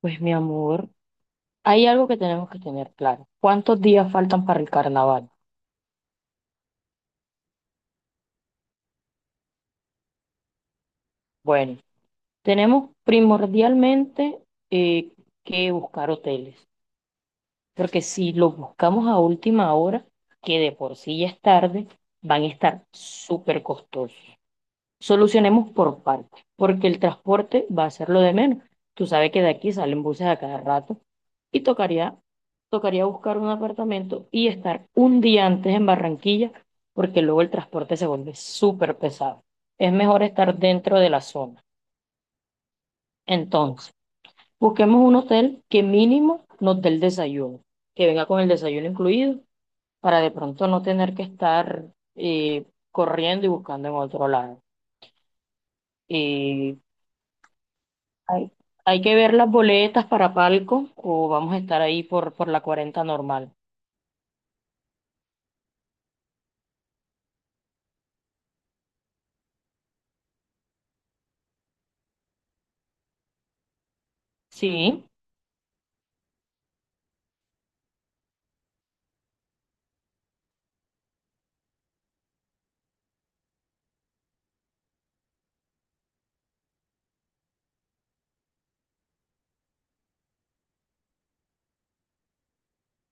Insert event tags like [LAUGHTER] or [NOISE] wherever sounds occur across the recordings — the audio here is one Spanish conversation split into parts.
Pues mi amor, hay algo que tenemos que tener claro. ¿Cuántos días faltan para el carnaval? Bueno, tenemos primordialmente eh, que buscar hoteles, porque si los buscamos a última hora, que de por sí ya es tarde, van a estar súper costosos. Solucionemos por partes, porque el transporte va a ser lo de menos. Tú sabes que de aquí salen buses a cada rato y tocaría buscar un apartamento y estar un día antes en Barranquilla, porque luego el transporte se vuelve súper pesado. Es mejor estar dentro de la zona. Entonces, busquemos un hotel que mínimo nos dé el desayuno, que venga con el desayuno incluido, para de pronto no tener que estar eh, corriendo y buscando en otro lado. Eh, hay, hay que ver las boletas para palco o vamos a estar ahí por la 40 normal. Sí.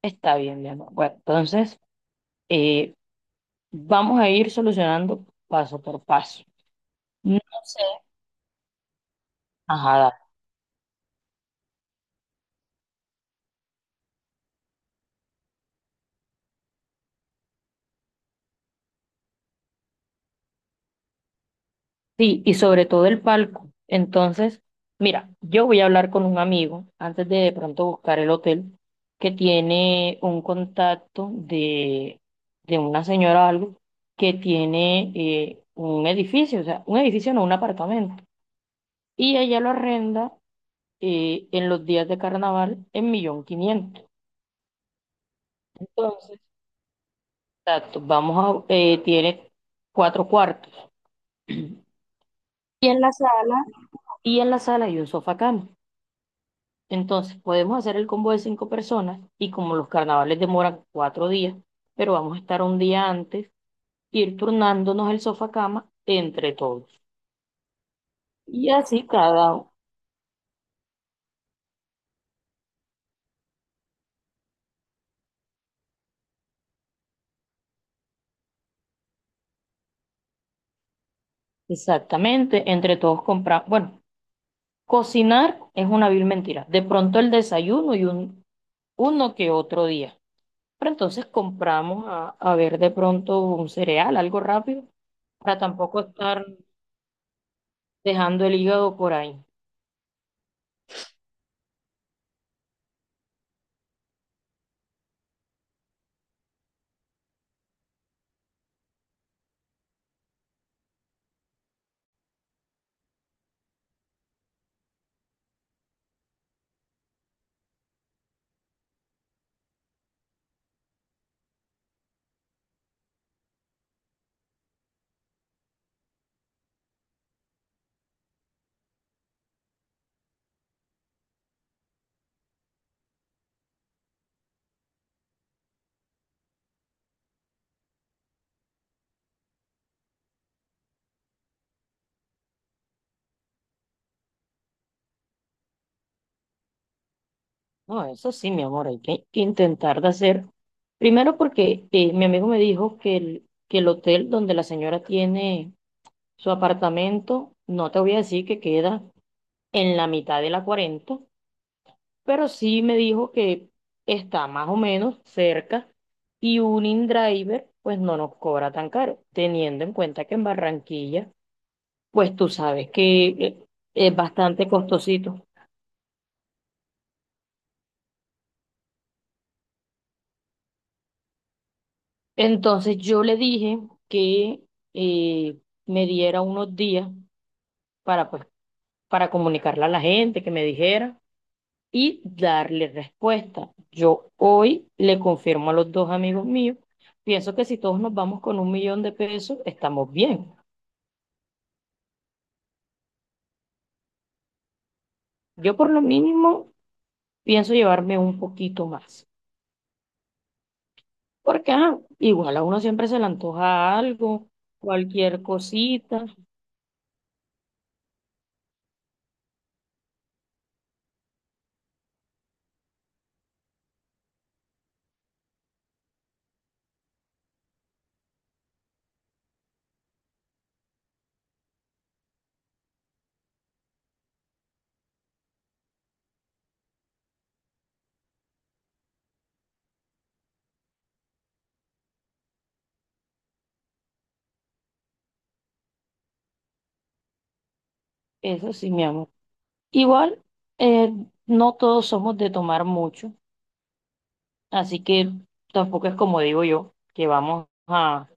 Está bien, mi amor. Bueno, entonces eh, vamos a ir solucionando paso por paso. No sé. Ajá. Dale. Sí, y sobre todo el palco. Entonces, mira, yo voy a hablar con un amigo antes de pronto buscar el hotel que tiene un contacto de una señora o algo que tiene un edificio, o sea, un edificio no, un apartamento. Y ella lo arrenda en los días de carnaval en 1.500.000. Entonces, exacto, tiene cuatro cuartos. [CLEARS THROAT] Y en la sala, y en la sala hay un sofá cama. Entonces, podemos hacer el combo de cinco personas y como los carnavales demoran 4 días, pero vamos a estar un día antes, ir turnándonos el sofá cama entre todos. Y así cada, exactamente, entre todos comprar. Bueno, cocinar es una vil mentira. De pronto el desayuno y uno que otro día. Pero entonces compramos a ver de pronto un cereal, algo rápido, para tampoco estar dejando el hígado por ahí. No, eso sí, mi amor, hay que intentar de hacer. Primero porque mi amigo me dijo que el hotel donde la señora tiene su apartamento, no te voy a decir que queda en la mitad de la 40, pero sí me dijo que está más o menos cerca y un InDriver pues no nos cobra tan caro, teniendo en cuenta que en Barranquilla pues tú sabes que es bastante costosito. Entonces yo le dije que eh, me diera unos días para, pues, para comunicarle a la gente, que me dijera y darle respuesta. Yo hoy le confirmo a los dos amigos míos, pienso que si todos nos vamos con 1.000.000 de pesos, estamos bien. Yo por lo mínimo pienso llevarme un poquito más, porque ajá, igual a uno siempre se le antoja algo, cualquier cosita, eso sí, mi amor. Igual, eh, no todos somos de tomar mucho, así que tampoco es como digo yo, que vamos a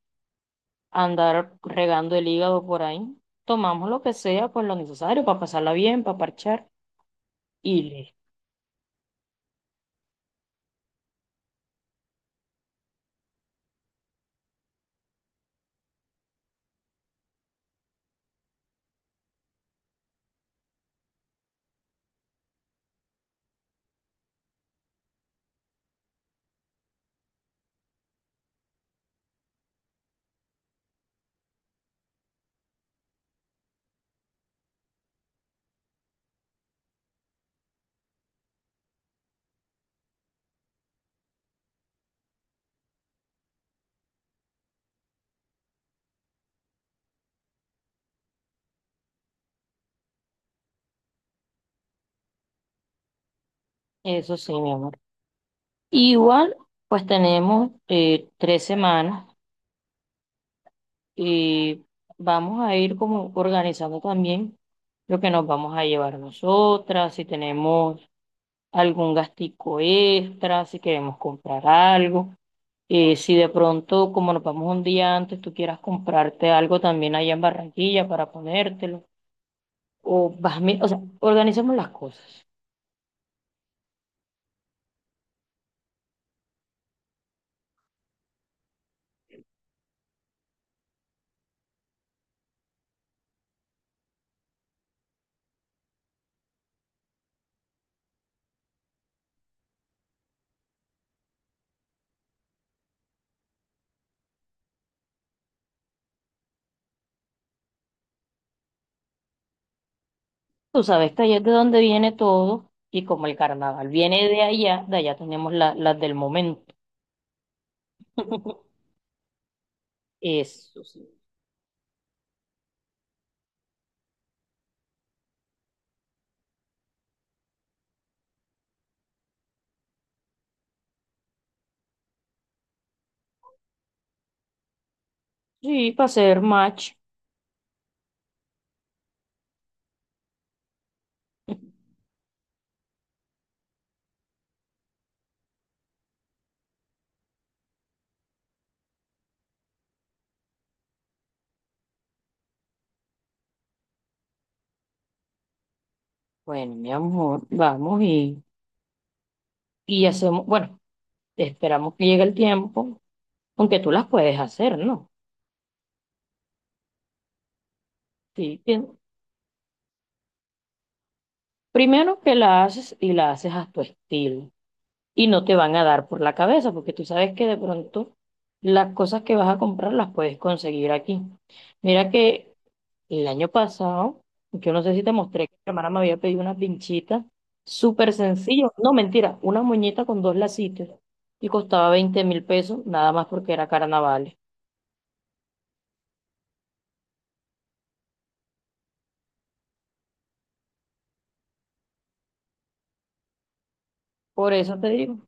andar regando el hígado por ahí. Tomamos lo que sea, pues lo necesario para pasarla bien, para parchar y listo. Eso sí, mi amor. Igual, pues tenemos 3 semanas y vamos a ir como organizando también lo que nos vamos a llevar nosotras, si tenemos algún gastico extra, si queremos comprar algo. Si de pronto, como nos vamos un día antes, tú quieras comprarte algo también allá en Barranquilla para ponértelo, o sea, organicemos las cosas. Tú sabes que allá es de donde viene todo, y como el carnaval viene de allá tenemos las del momento. [LAUGHS] Eso sí. Sí, para hacer match. [LAUGHS] Bueno, mi amor, vamos y hacemos, bueno, esperamos que llegue el tiempo, aunque tú las puedes hacer, ¿no? Sí, primero que la haces y la haces a tu estilo. Y no te van a dar por la cabeza, porque tú sabes que de pronto las cosas que vas a comprar las puedes conseguir aquí. Mira que el año pasado, yo no sé si te mostré que mi hermana me había pedido unas pinchitas súper sencillo, no mentira, una muñeca con dos lacitos y costaba 20.000 pesos, nada más porque era carnaval. Por eso te digo,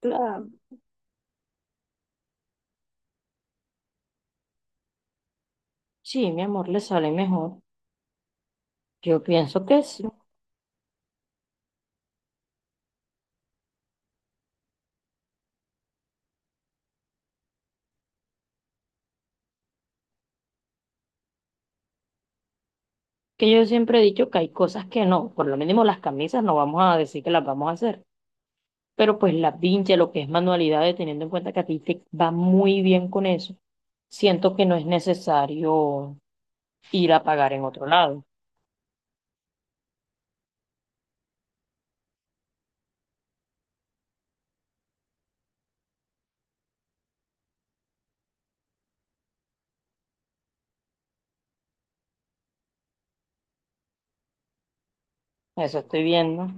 claro, sí, mi amor, le sale mejor. Yo pienso que sí, que yo siempre he dicho que hay cosas que no, por lo mínimo las camisas no vamos a decir que las vamos a hacer. Pero pues la vincha, lo que es manualidades, teniendo en cuenta que a ti te va muy bien con eso, siento que no es necesario ir a pagar en otro lado. Eso estoy viendo.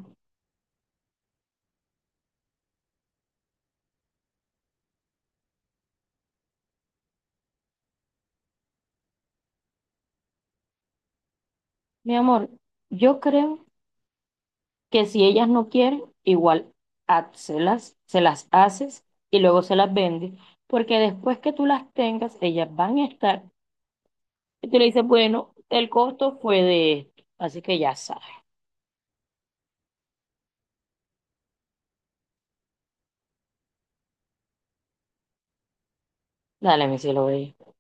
Mi amor, yo creo que si ellas no quieren, igual hazlas, se las haces y luego se las vendes, porque después que tú las tengas, ellas van a estar. Y tú le dices, bueno, el costo fue de esto, así que ya sabes. Dale, mi cielo bello.